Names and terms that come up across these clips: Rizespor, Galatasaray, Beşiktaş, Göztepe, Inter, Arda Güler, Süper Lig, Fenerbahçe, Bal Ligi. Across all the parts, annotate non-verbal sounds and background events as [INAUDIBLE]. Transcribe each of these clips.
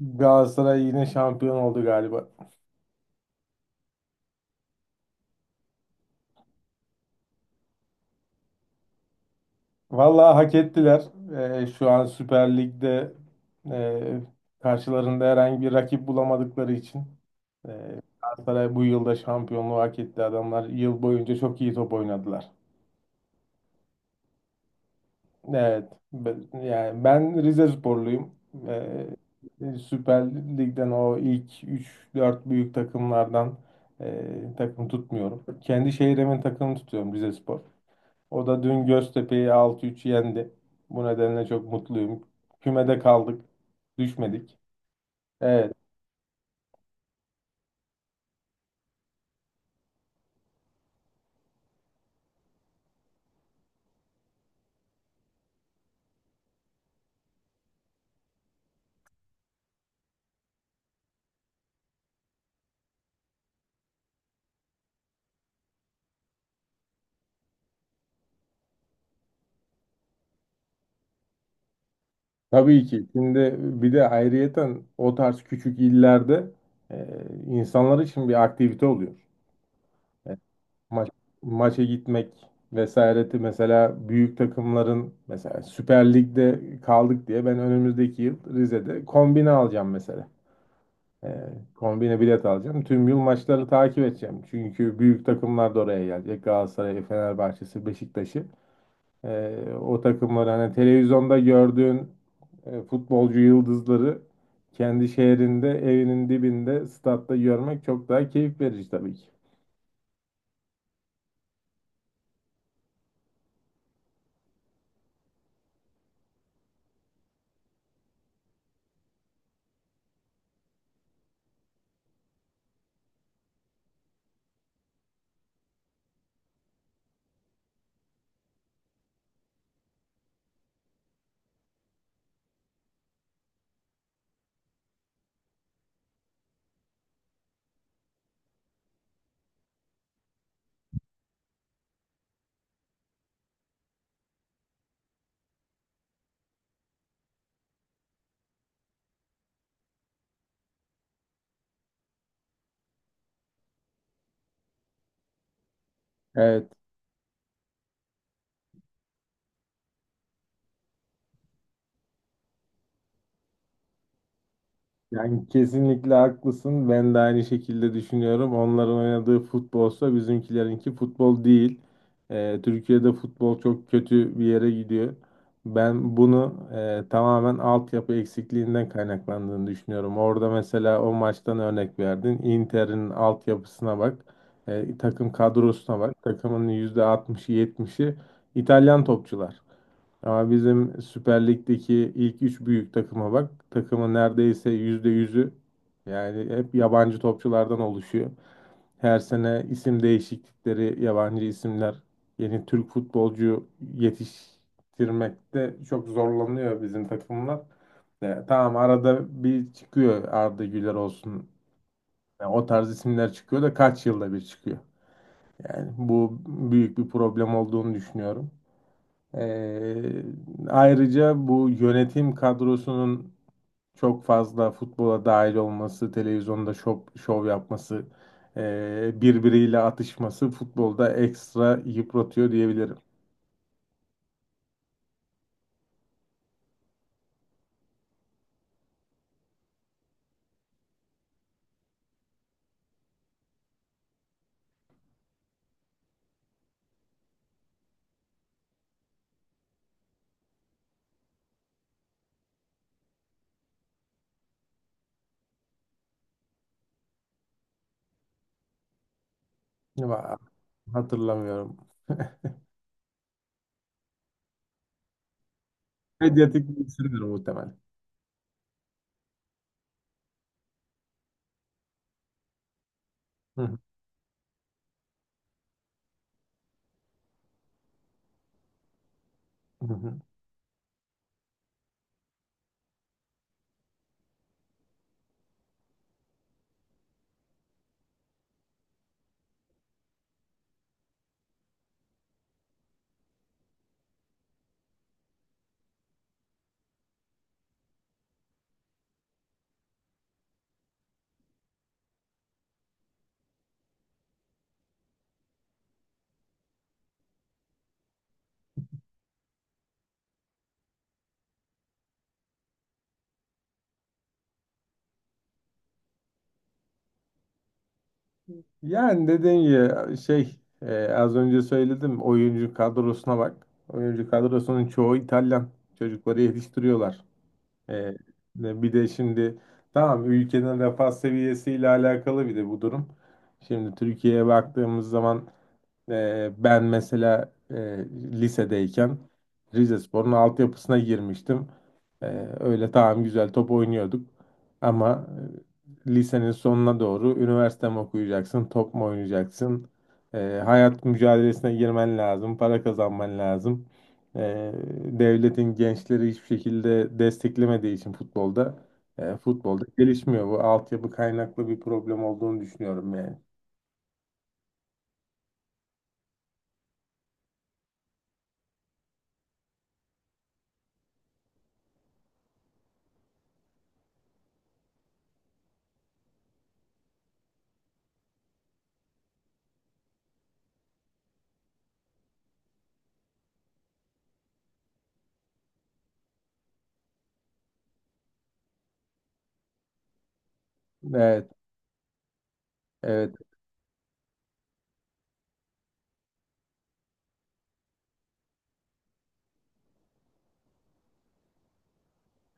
Galatasaray yine şampiyon oldu galiba. Vallahi hak ettiler. Şu an Süper Lig'de e, karşılarında herhangi bir rakip bulamadıkları için Galatasaray bu yılda şampiyonluğu hak etti. Adamlar yıl boyunca çok iyi top oynadılar. Evet. Ben, yani ben Rizesporluyum. Süper Lig'den o ilk üç dört büyük takımlardan takım tutmuyorum. Kendi şehrimin takımını tutuyorum Rizespor. O da dün Göztepe'yi 6 üç yendi. Bu nedenle çok mutluyum. Kümede kaldık. Düşmedik. Evet. Tabii ki. Şimdi bir de ayrıyeten o tarz küçük illerde e, insanlar için bir aktivite oluyor. E, maç- Maça gitmek vesaireti, mesela büyük takımların, mesela Süper Lig'de kaldık diye ben önümüzdeki yıl Rize'de kombine alacağım mesela. Ee, Kombine bilet alacağım. Tüm yıl maçları takip edeceğim. Çünkü büyük takımlar da oraya gelecek. Galatasaray, Fenerbahçe'si, Beşiktaş'ı. O takımları, hani televizyonda gördüğün futbolcu yıldızları kendi şehrinde, evinin dibinde, statta görmek çok daha keyif verici tabii ki. Evet. Yani kesinlikle haklısın. Ben de aynı şekilde düşünüyorum. Onların oynadığı futbolsa bizimkilerinki futbol değil. Türkiye'de futbol çok kötü bir yere gidiyor. Ben bunu tamamen altyapı eksikliğinden kaynaklandığını düşünüyorum. Orada mesela o maçtan örnek verdin. Inter'in altyapısına bak. Takım kadrosuna bak. Takımın %60'ı 70'i İtalyan topçular. Ama bizim Süper Lig'deki ilk üç büyük takıma bak. Takımın neredeyse yüzde yüzü, yani hep yabancı topçulardan oluşuyor. Her sene isim değişiklikleri, yabancı isimler, yeni Türk futbolcu yetiştirmekte çok zorlanıyor bizim takımlar. E, tamam, arada bir çıkıyor Arda Güler olsun. Yani o tarz isimler çıkıyor da kaç yılda bir çıkıyor. Yani bu büyük bir problem olduğunu düşünüyorum. Ee, Ayrıca bu yönetim kadrosunun çok fazla futbola dahil olması, televizyonda şov yapması, birbiriyle atışması futbolda ekstra yıpratıyor diyebilirim. Va- Hatırlamıyorum. Medyatik bir isimdir muhtemelen. Hı hı, hı hı. Yani dediğim gibi şey, az önce söyledim, oyuncu kadrosuna bak. Oyuncu kadrosunun çoğu İtalyan. Çocukları yetiştiriyorlar. Ee, Bir de şimdi, tamam, ülkenin refah seviyesiyle alakalı bir de bu durum. Şimdi Türkiye'ye baktığımız zaman ben mesela, lisedeyken Rizespor'un altyapısına girmiştim. Öyle, tamam, güzel top oynuyorduk. Ama lisenin sonuna doğru üniversite mi okuyacaksın, top mu oynayacaksın? Hayat mücadelesine girmen lazım, para kazanman lazım. Ee, Devletin gençleri hiçbir şekilde desteklemediği için futbolda, futbolda gelişmiyor. Bu altyapı kaynaklı bir problem olduğunu düşünüyorum yani. Evet. Evet.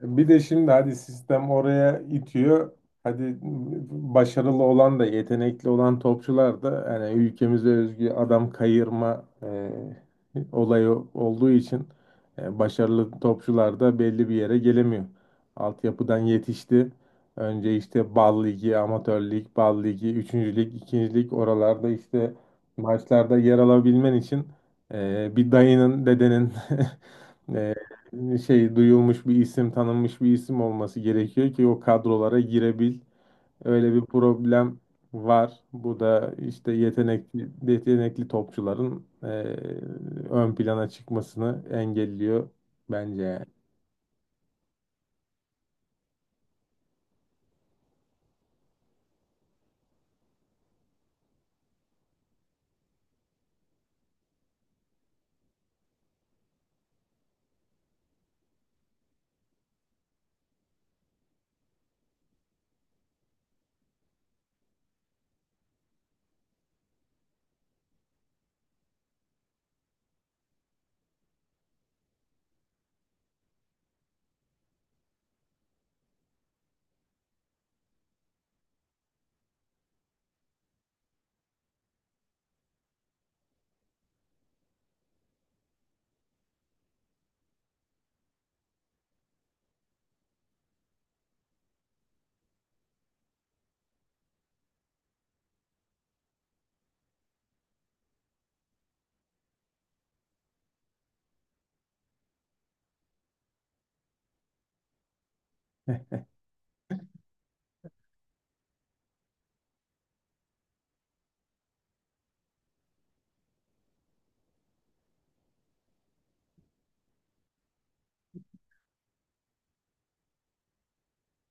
Bir de şimdi, hadi sistem oraya itiyor. Hadi, başarılı olan da yetenekli olan topçular da, yani ülkemize özgü adam kayırma olayı olduğu için başarılı topçular da belli bir yere gelemiyor. Altyapıdan yetişti. Önce işte Bal Ligi, Amatör Lig, Bal Ligi, 3. Lig, 2. Lig, oralarda işte maçlarda yer alabilmen için bir dayının, dedenin [LAUGHS] şey, duyulmuş bir isim, tanınmış bir isim olması gerekiyor ki o kadrolara girebil. Öyle bir problem var. Bu da işte yetenekli topçuların ön plana çıkmasını engelliyor bence yani.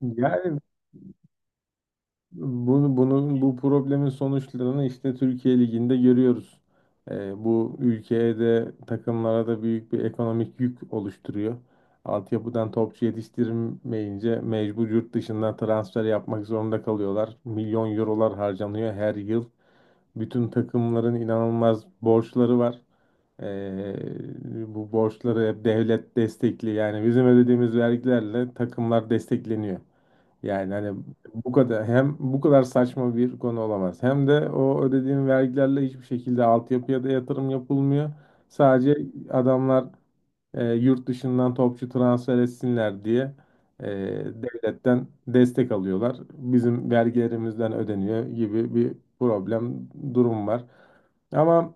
Yani bunun bu problemin sonuçlarını işte Türkiye Ligi'nde görüyoruz. Bu ülkeye de takımlara da büyük bir ekonomik yük oluşturuyor. Altyapıdan topçu yetiştirmeyince mecbur yurt dışından transfer yapmak zorunda kalıyorlar. Milyon eurolar harcanıyor her yıl. Bütün takımların inanılmaz borçları var. Ee, Bu borçları hep devlet destekli. Yani bizim ödediğimiz vergilerle takımlar destekleniyor. Yani hani, bu kadar saçma bir konu olamaz. Hem de o ödediğim vergilerle hiçbir şekilde altyapıya da yatırım yapılmıyor. Sadece adamlar yurt dışından topçu transfer etsinler diye e, devletten destek alıyorlar. Bizim vergilerimizden ödeniyor gibi bir durum var. Ama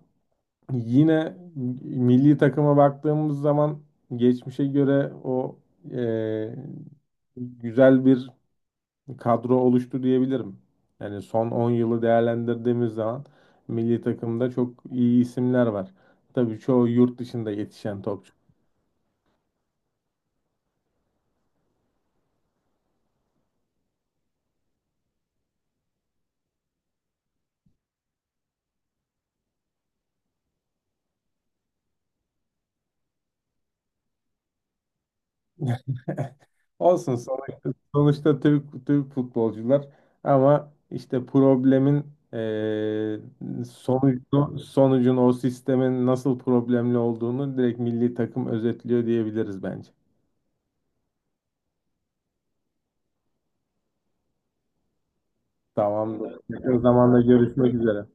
yine milli takıma baktığımız zaman geçmişe göre o e, güzel bir kadro oluştu diyebilirim. Yani son 10 yılı değerlendirdiğimiz zaman milli takımda çok iyi isimler var. Tabii çoğu yurt dışında yetişen topçu. [LAUGHS] Olsun, sonuçta Türk, Türk futbolcular ama işte problemin eee sonucun o sistemin nasıl problemli olduğunu direkt milli takım özetliyor diyebiliriz bence. Tamamdır. Yakın zamanda görüşmek üzere.